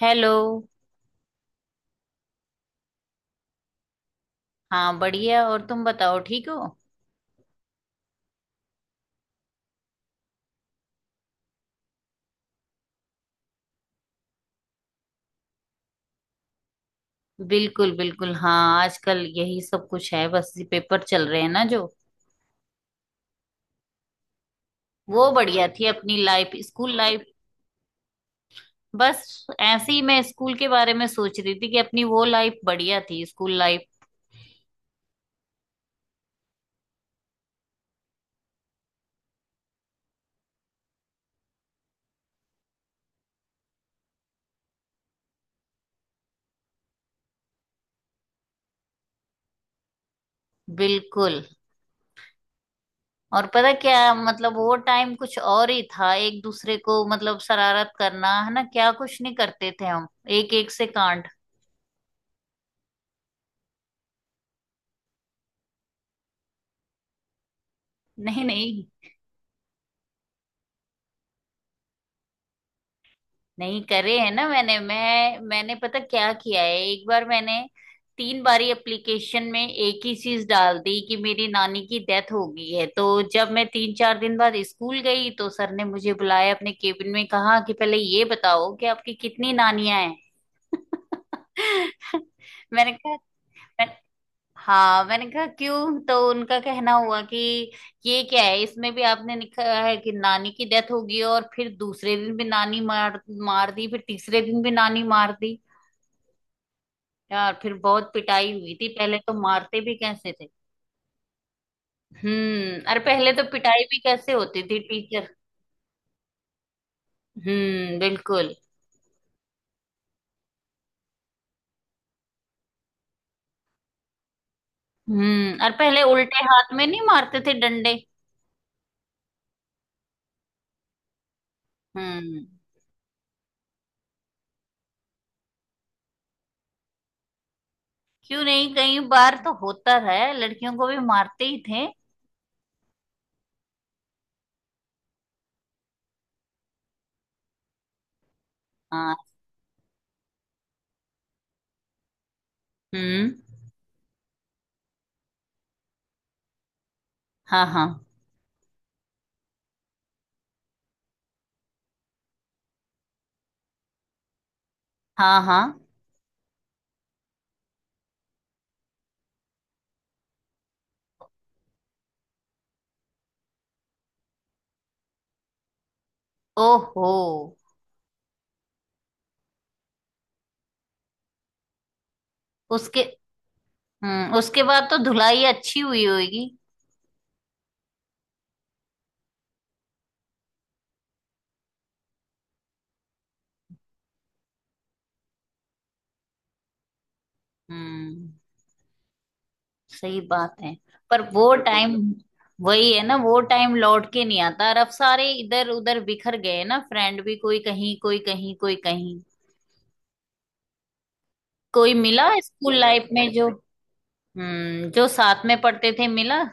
Hello. हाँ बढ़िया, और तुम बताओ, ठीक हो। बिल्कुल बिल्कुल, हाँ आजकल यही सब कुछ है, बस ये पेपर चल रहे हैं ना जो। वो बढ़िया थी अपनी लाइफ, स्कूल लाइफ। बस ऐसे ही मैं स्कूल के बारे में सोच रही थी कि अपनी वो लाइफ बढ़िया थी, स्कूल लाइफ। बिल्कुल। और पता क्या, मतलब वो टाइम कुछ और ही था। एक दूसरे को, मतलब शरारत करना, है ना, क्या कुछ नहीं करते थे हम। एक एक से कांड। नहीं नहीं। नहीं करे है ना, मैंने पता क्या किया है। एक बार मैंने तीन बारी एप्लीकेशन में एक ही चीज डाल दी कि मेरी नानी की डेथ हो गई है। तो जब मैं तीन चार दिन बाद स्कूल गई तो सर ने मुझे बुलाया अपने केबिन में, कहा कि पहले ये बताओ कि आपकी कितनी नानियां हैं। मैंने कहा हाँ, मैंने कहा क्यों, तो उनका कहना हुआ कि ये क्या है, इसमें भी आपने लिखा है कि नानी की डेथ होगी, और फिर दूसरे दिन भी नानी मार मार दी, फिर तीसरे दिन भी नानी मार दी। यार, फिर बहुत पिटाई हुई थी। पहले तो मारते भी कैसे थे। हम्म। अरे पहले तो पिटाई भी कैसे होती थी टीचर। हम्म, बिल्कुल। हम्म। और पहले उल्टे हाथ में नहीं मारते थे डंडे। हम्म। क्यों नहीं, कई बार तो होता है, लड़कियों को भी मारते ही थे। हाँ। हम्म। हाँ हाँ। हाँ हाँ। ओहो। उसके उसके बाद तो धुलाई अच्छी हुई होगी। हम्म। सही बात है। पर वो टाइम, वही है ना, वो टाइम लौट के नहीं आता। और अब सारे इधर उधर बिखर गए हैं ना, फ्रेंड भी, कोई कहीं कोई कहीं कोई कहीं। कोई मिला स्कूल लाइफ में जो। हम्म। जो साथ में पढ़ते थे, मिला।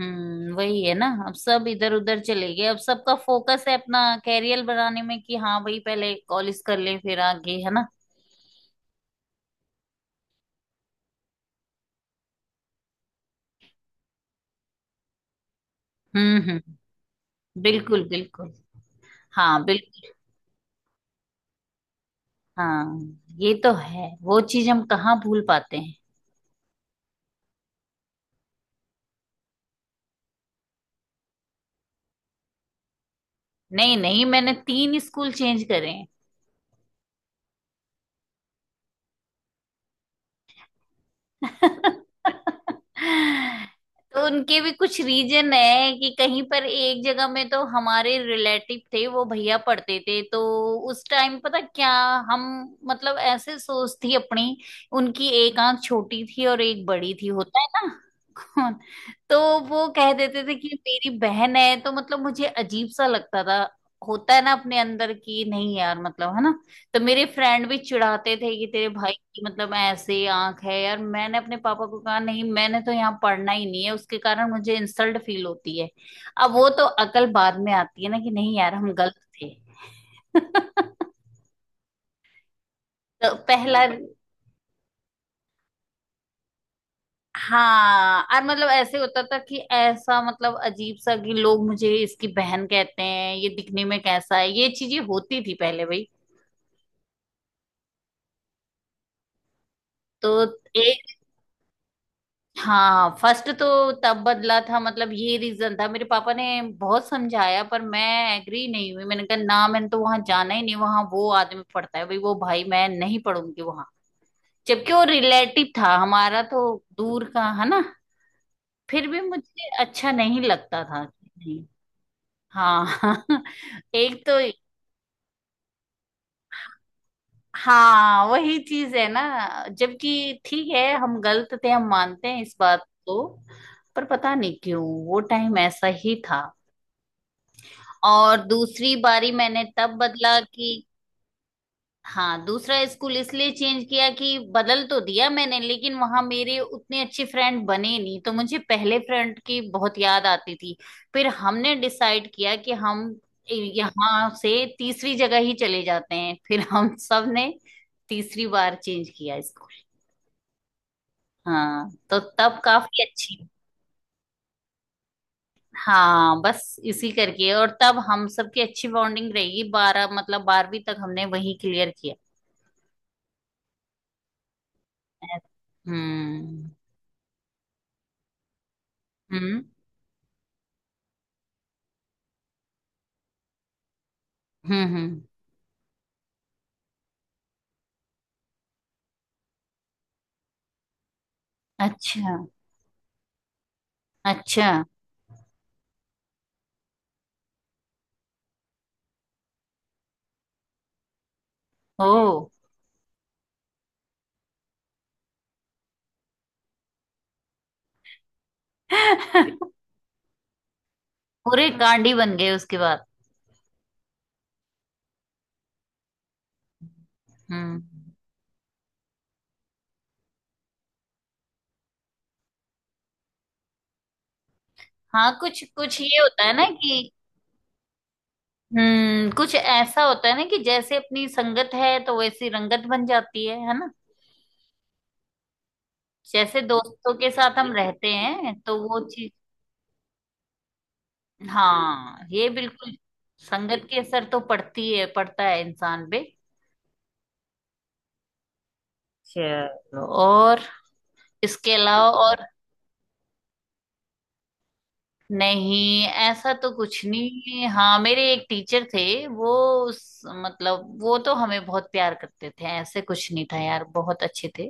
हम्म। वही है ना, अब सब इधर उधर चले गए, अब सबका फोकस है अपना कैरियर बनाने में, कि हाँ भाई पहले कॉलेज कर ले फिर आगे, है ना। हम्म। बिल्कुल बिल्कुल। हाँ बिल्कुल। हाँ, ये तो है। वो चीज हम कहाँ भूल पाते हैं। नहीं नहीं, मैंने तीन स्कूल चेंज करे हैं। तो उनके भी कुछ रीजन है कि कहीं पर एक जगह में तो हमारे रिलेटिव थे, वो भैया पढ़ते थे, तो उस टाइम पता क्या, हम, मतलब ऐसे सोच थी अपनी। उनकी एक आंख छोटी थी और एक बड़ी थी, होता है ना। हाँ। तो वो कह देते थे कि मेरी बहन है, तो मतलब मुझे अजीब सा लगता था। होता है ना, अपने अंदर की, नहीं यार, मतलब, है ना। तो मेरे फ्रेंड भी चिढ़ाते थे कि तेरे भाई की मतलब ऐसे आंख है यार। मैंने अपने पापा को कहा, नहीं मैंने तो यहाँ पढ़ना ही नहीं है, उसके कारण मुझे इंसल्ट फील होती है। अब वो तो अकल बाद में आती है ना, कि नहीं यार हम गलत थे। तो पहला। हाँ। और मतलब ऐसे होता था कि ऐसा, मतलब अजीब सा कि लोग मुझे इसकी बहन कहते हैं, ये दिखने में कैसा है, ये चीजें होती थी पहले भाई। तो एक। हाँ, फर्स्ट तो तब बदला था, मतलब ये रीजन था। मेरे पापा ने बहुत समझाया, पर मैं एग्री नहीं हुई। मैंने कहा ना, मैंने तो वहां जाना ही नहीं, वहां वो आदमी पढ़ता है भाई, वो भाई मैं नहीं पढ़ूंगी वहां। जबकि वो रिलेटिव था हमारा, तो दूर का है ना, फिर भी मुझे अच्छा नहीं लगता था। हाँ। एक तो। हाँ वही चीज है ना, जबकि ठीक है, हम गलत थे, हम मानते हैं इस बात को, पर पता नहीं क्यों वो टाइम ऐसा ही था। और दूसरी बारी मैंने तब बदला कि। हाँ, दूसरा स्कूल इसलिए चेंज किया कि, बदल तो दिया मैंने लेकिन वहां मेरे उतने अच्छे फ्रेंड बने नहीं, तो मुझे पहले फ्रेंड की बहुत याद आती थी। फिर हमने डिसाइड किया कि हम यहाँ से तीसरी जगह ही चले जाते हैं। फिर हम सब ने तीसरी बार चेंज किया स्कूल। हाँ तो तब काफी अच्छी। हाँ बस इसी करके। और तब हम सबकी अच्छी बॉन्डिंग रहेगी, बारह मतलब बारहवीं तक हमने वही क्लियर किया। हम्म हम्म हम्म। अच्छा। अच्छा। ओ। पूरे कांडी बन गए उसके बाद। हम्म। हाँ, कुछ कुछ ये होता है ना कि। हम्म, कुछ ऐसा होता है ना कि जैसे अपनी संगत है तो वैसी रंगत बन जाती है ना। जैसे दोस्तों के साथ हम रहते हैं तो वो चीज। हाँ, ये बिल्कुल। संगत के असर तो पड़ती है, पड़ता है इंसान पे। चलो और। इसके अलावा और। नहीं, ऐसा तो कुछ नहीं। हाँ मेरे एक टीचर थे, वो, मतलब वो तो हमें बहुत प्यार करते थे, ऐसे कुछ नहीं था यार, बहुत अच्छे थे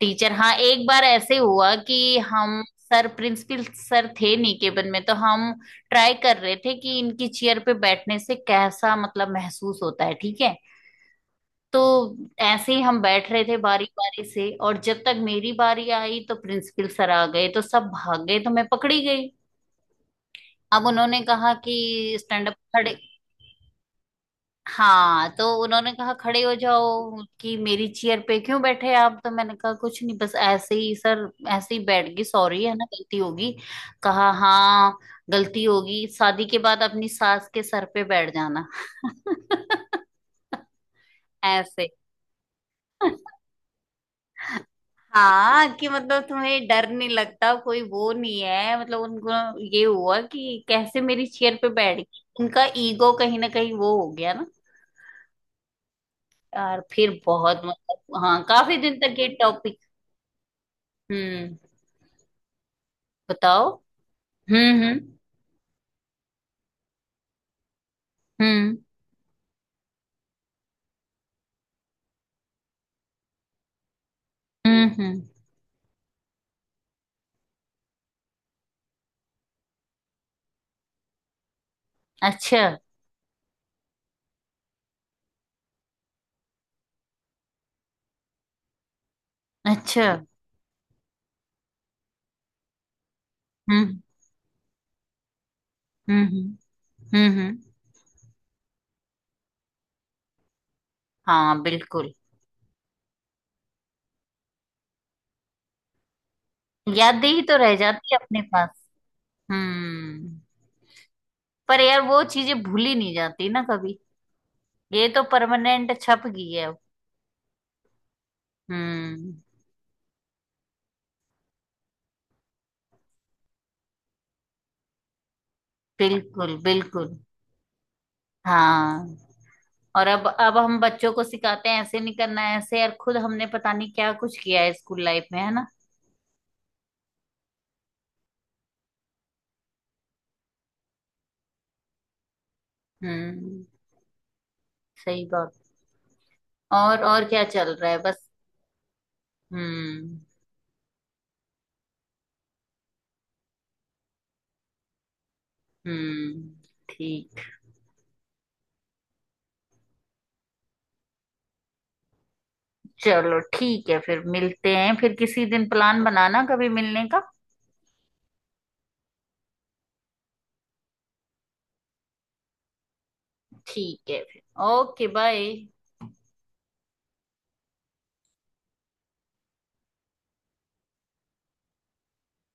टीचर। हाँ, एक बार ऐसे हुआ कि हम, सर प्रिंसिपल सर थे निकेतन में, तो हम ट्राई कर रहे थे कि इनकी चेयर पे बैठने से कैसा, मतलब, महसूस होता है, ठीक है। तो ऐसे ही हम बैठ रहे थे बारी बारी से, और जब तक मेरी बारी आई तो प्रिंसिपल सर आ गए, तो सब भाग गए, तो मैं पकड़ी गई। अब उन्होंने कहा कि स्टैंड अप, खड़े। हाँ, तो उन्होंने कहा खड़े हो जाओ, कि मेरी चेयर पे क्यों बैठे आप। तो मैंने कहा कुछ नहीं, बस ऐसे ही सर, ऐसे ही बैठ गई, सॉरी, है ना, गलती होगी। कहा हाँ, गलती होगी शादी के बाद अपनी सास के सर पे बैठ जाना। ऐसे। हाँ कि मतलब तुम्हें डर नहीं लगता, कोई वो नहीं है, मतलब उनको ये हुआ कि कैसे मेरी चेयर पे बैठ गई, उनका ईगो कहीं ना कहीं वो हो गया। यार फिर बहुत, मतलब, हाँ काफी दिन तक ये टॉपिक। हम्म। बताओ। हम्म हम्म हम्म हम्म। अच्छा। अच्छा। हम्म हम्म हम्म हम्म। हाँ बिल्कुल। यादें ही तो रह जाती है अपने पास। हम्म। पर यार वो चीजें भूली नहीं जाती ना कभी, ये तो परमानेंट छप गई है अब। हम्म। बिल्कुल बिल्कुल। हाँ। और अब हम बच्चों को सिखाते हैं, ऐसे नहीं करना है ऐसे, यार खुद हमने पता नहीं क्या कुछ किया है स्कूल लाइफ में, है ना। हम्म। सही बात। और क्या चल रहा है बस। हम्म हम्म। ठीक। चलो ठीक है, फिर मिलते हैं, फिर किसी दिन प्लान बनाना कभी मिलने का। ठीक है फिर। Okay bye.